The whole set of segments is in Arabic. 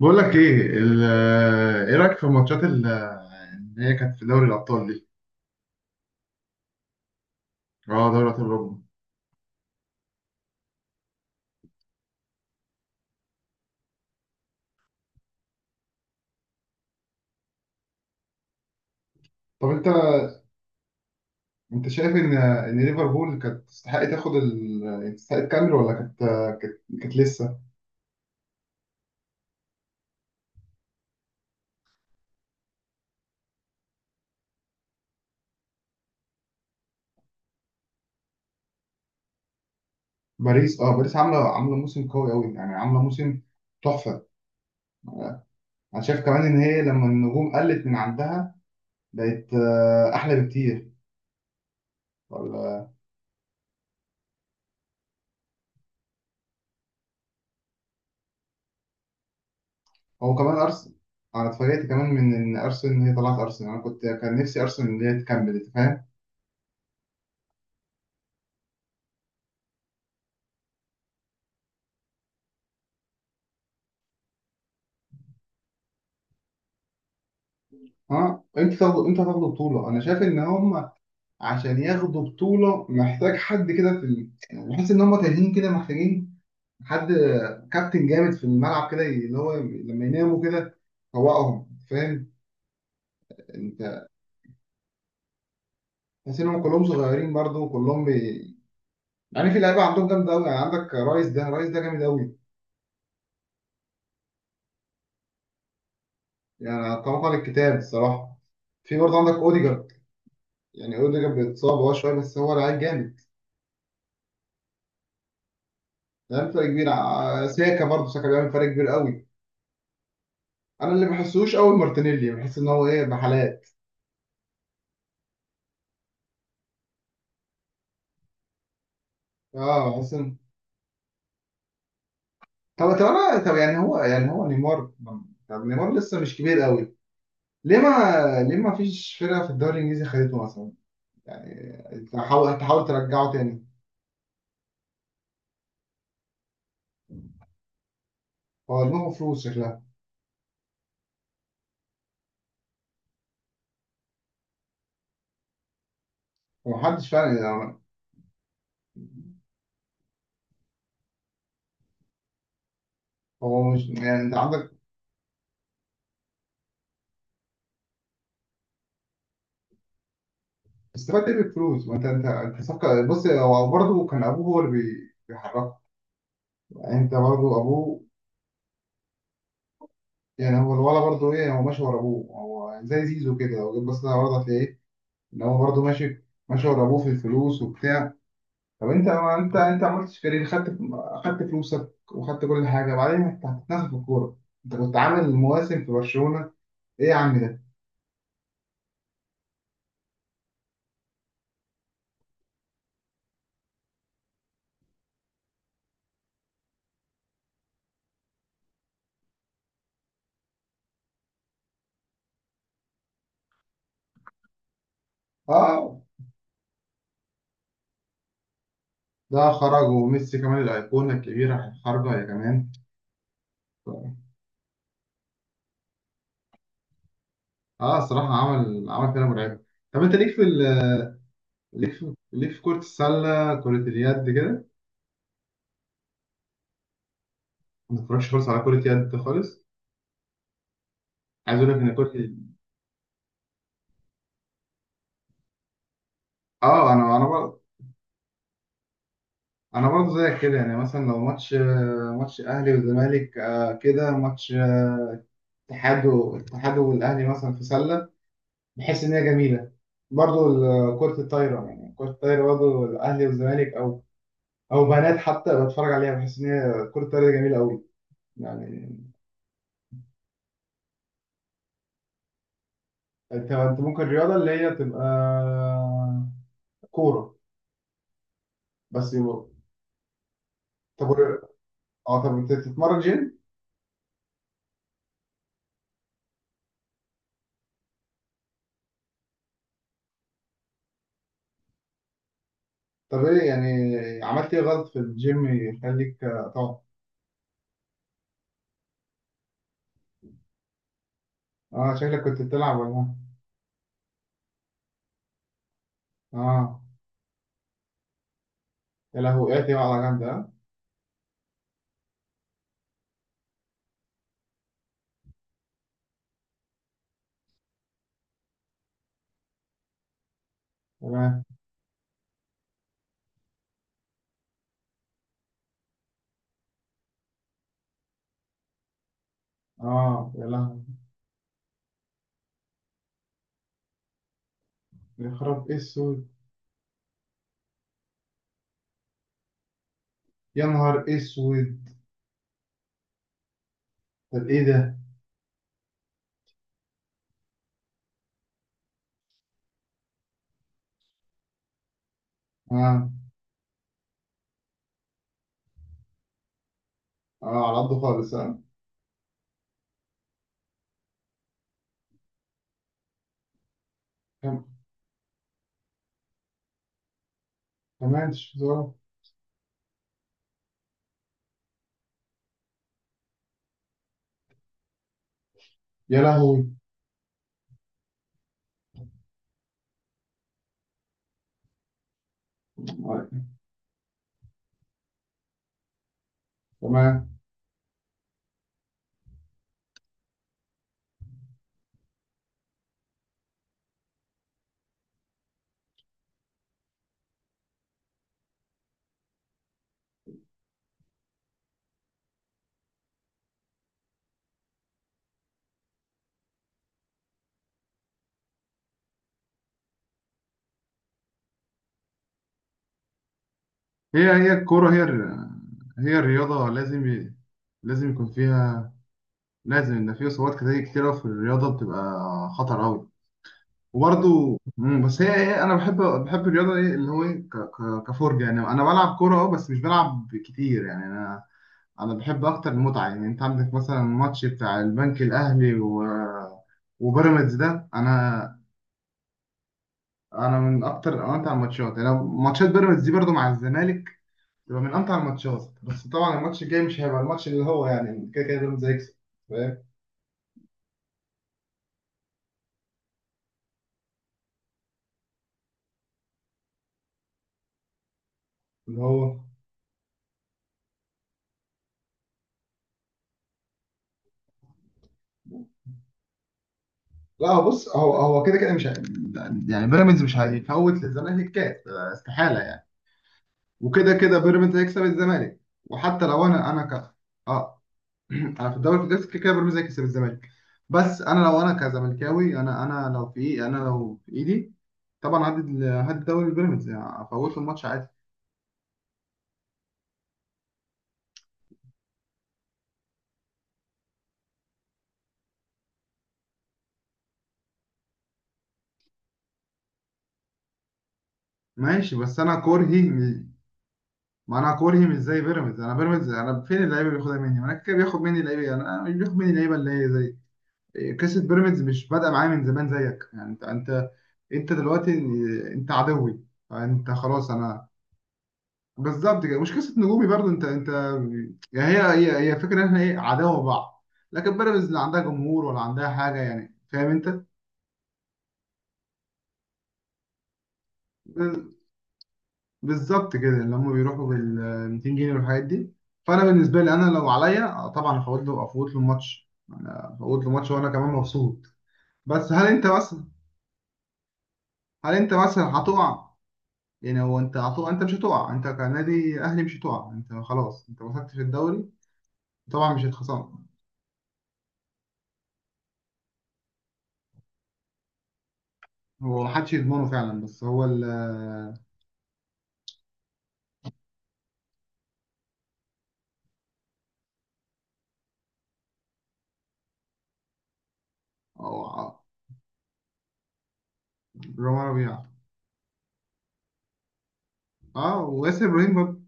بقول لك ايه ايه رايك في الماتشات اللي هي كانت في دوري الابطال دي؟ اه، دوري ابطال اوروبا. طب انت انت شايف ان ليفربول كانت تستحق تاخد يعني تستحق تكمل ولا كانت لسه؟ باريس عامله موسم قوي قوي، يعني عامله موسم تحفه. انا شايف كمان ان هي لما النجوم قلت من عندها بقت احلى بكتير، ولا؟ هو كمان ارسنال. انا اتفاجئت كمان من ان ارسنال، إن هي طلعت ارسنال. انا كنت كان نفسي ارسنال ان هي تكمل. انت فاهم؟ اه، انت هتاخدوا بطوله. انا شايف ان هم عشان ياخدوا بطوله محتاج حد كده في يعني بحس ان هم تايهين كده، محتاجين حد، كابتن جامد في الملعب كده، اللي هو لما يناموا كده فوقهم. فاهم انت؟ تحس ان هم كلهم صغيرين برضه، وكلهم يعني في لعيبه عندهم جامده قوي. يعني عندك رايس ده جامد قوي يعني، طبقا للكتاب الصراحه. في برضه عندك اوديجارد، يعني اوديجارد بيتصاب هو شويه بس هو لعيب جامد، لعيب فرق كبير. ساكا برضه، ساكا بيعمل فرق كبير قوي. انا اللي بحسوش قوي مارتينيلي، بحس ان هو ايه، بحالات. اه، بحس ان... طب يعني هو نيمار. طب نيمار لسه مش كبير قوي، ليه ما ليه ما فيش فرقه في الدوري الانجليزي خدته مثلا؟ يعني تحاول ترجعه تاني. هو دماغه فلوس شكلها. ومحدش فعلا يعني. هو مش يعني، انت عندك استفدت ايه بالفلوس؟ ما انت، انت صفقه. بص، هو برضه كان ابوه هو اللي بيحركه يعني انت برضه ابوه. يعني هو الولد برضه ايه، هو ماشي ورا ابوه. هو زي زيزو كده، لو جيت بصيت على الولد هتلاقيه ان هو برضه ماشي ورا ابوه في الفلوس وبتاع. طب انت، ما انت عملتش كارير؟ خدت، فلوسك وخدت كل حاجه، بعدين انت هتتنفخ في الكوره؟ انت كنت عامل مواسم في برشلونه، ايه يا عم ده؟ اه، ده خرج، وميسي كمان الايقونه الكبيره خارجه يا كمان. اه، صراحه عمل كده مرعب. طب انت ليك في ليك في كرة السلة، كرة اليد كده؟ ما بتتفرجش خالص على كرة يد خالص؟ عايز اقول لك ان كرة اه انا انا برضه زيك كده. يعني مثلا لو ماتش، اهلي والزمالك، كده ماتش الاتحاد والاهلي مثلا في سله، بحس ان هي جميله. برضه كره الطايره، يعني كره الطايره برضه الاهلي والزمالك، او او بنات حتى، بتفرج عليها. بحس ان هي كره الطايره دي جميله قوي يعني. انت ممكن رياضه اللي هي تبقى كوره بس، يبقى... طب ور- اه طب انت بتتمرن جيم؟ طب ايه يعني، عملت ايه غلط في الجيم يخليك تقعد؟ اه، شكلك كنت بتلعب، ولا؟ اه، يا لهوي، ايه دي على جنب، اه. تمام. اه، يا لهوي. يخرب اسود. يا نهار اسود. طب ايه ده؟ اه، اه، على قده خالص، اه. كم- كمان شوية. يا لهوي. آه، تمام. هي الكورة، هي الرياضة، لازم يكون فيها، لازم ان في اصابات كتير كتيرة. في الرياضة بتبقى خطر قوي. وبرضه، بس هي ايه، انا بحب الرياضة، ايه اللي هو ايه، كفرجة يعني. انا بلعب كورة اه، بس مش بلعب كتير يعني. انا بحب اكتر المتعه. يعني انت عندك مثلا الماتش بتاع البنك الاهلي و... وبيراميدز ده، انا من اكتر امتع الماتشات يعني. أنا ماتشات بيراميدز دي برضو مع الزمالك تبقى من امتع الماتشات. بس طبعا الماتش الجاي مش هيبقى الماتش اللي هو يعني. كده كده بيراميدز هيكسب، فاهم؟ اللي هو، لا، هو بص، هو كده كده مش يعني بيراميدز مش هيفوت للزمالك الكاس، استحاله يعني. وكده كده بيراميدز هيكسب الزمالك. وحتى لو انا اه انا في الدوري، في كده كده بيراميدز هيكسب الزمالك. بس انا لو انا كزملكاوي، انا لو في ايه، انا لو في ايدي طبعا هدي هدي الدوري لبيراميدز، يعني افوت الماتش عادي. ماشي، بس انا كرهي ما انا كرهي مش زي بيراميدز. انا بيراميدز، انا فين اللعيبه اللي بياخدها مني؟ ما انا كده بياخد مني اللعيبه، انا مش بياخد مني اللعيبه اللي هي زي إيه؟ قصه بيراميدز مش بادئه معايا من زمان زيك. يعني انت دلوقتي إيه، انت عدوي. فانت خلاص، انا... بالظبط كده. مش قصه نجومي برضو. انت يعني هي فكره ان احنا ايه، عداوه بعض. لكن بيراميدز لا عندها جمهور ولا عندها حاجه يعني، فاهم انت؟ ب- بالظبط كده. اللي هم بيروحوا بال 200 جنيه والحاجات دي. فانا بالنسبه لي انا، لو عليا طبعا افوت له، الماتش. انا افوت له ماتش وانا كمان مبسوط. بس هل انت مثلا، هل انت مثلا هتقع؟ يعني هو انت هتقع؟ انت مش هتقع، انت كنادي اهلي مش هتقع، انت خلاص، انت مسكت في الدوري، طبعا مش هيتخصم. هو محدش يضمنه فعلا، بس هو ال... أو رامي ربيعة. أه، وياسر إبراهيم برضه.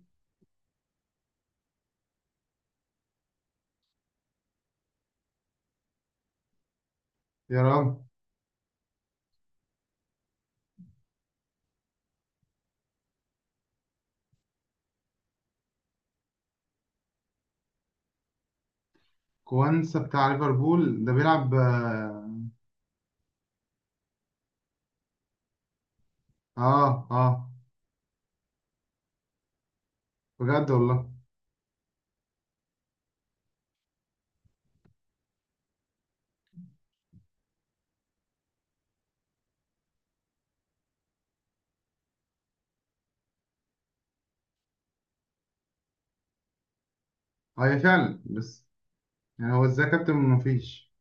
يا رام كوانسا بتاع ليفربول ده بيلعب، أه. أه. آه، بجد والله. أه، هي فعلا، بس يعني هو إزاي كابتن؟ مفيش.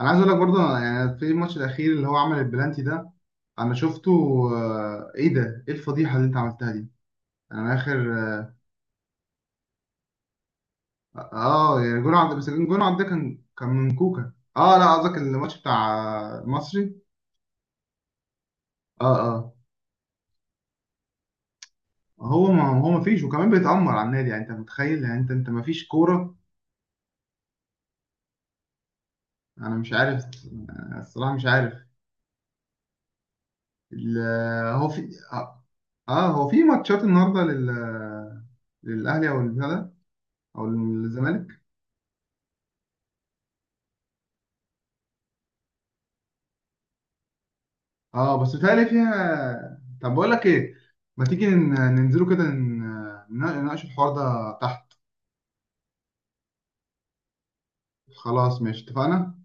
أنا عايز أقول لك برضه، يعني في الماتش الأخير اللي هو عمل البلانتي ده، أنا شفته. إيه ده؟ إيه الفضيحة اللي أنت عملتها دي؟ أنا آخر... اه، يعني جون عبد. بس جون عبد ده كان من كوكا. اه، لا، قصدك الماتش بتاع المصري. اه، اه، هو، ما هو ما فيش. وكمان بيتأمر على النادي، يعني انت متخيل؟ يعني انت ما فيش كورة. انا مش عارف، الصراحة مش عارف. ال- هو في اه، هو في ماتشات النهارده للاهلي او البتاع ده، او للزمالك؟ اه، بس بيتهيألي فيها. طب بقول لك ايه، ما تيجي ننزلوا كده نناقش الحوار ده تحت؟ خلاص ماشي، اتفقنا.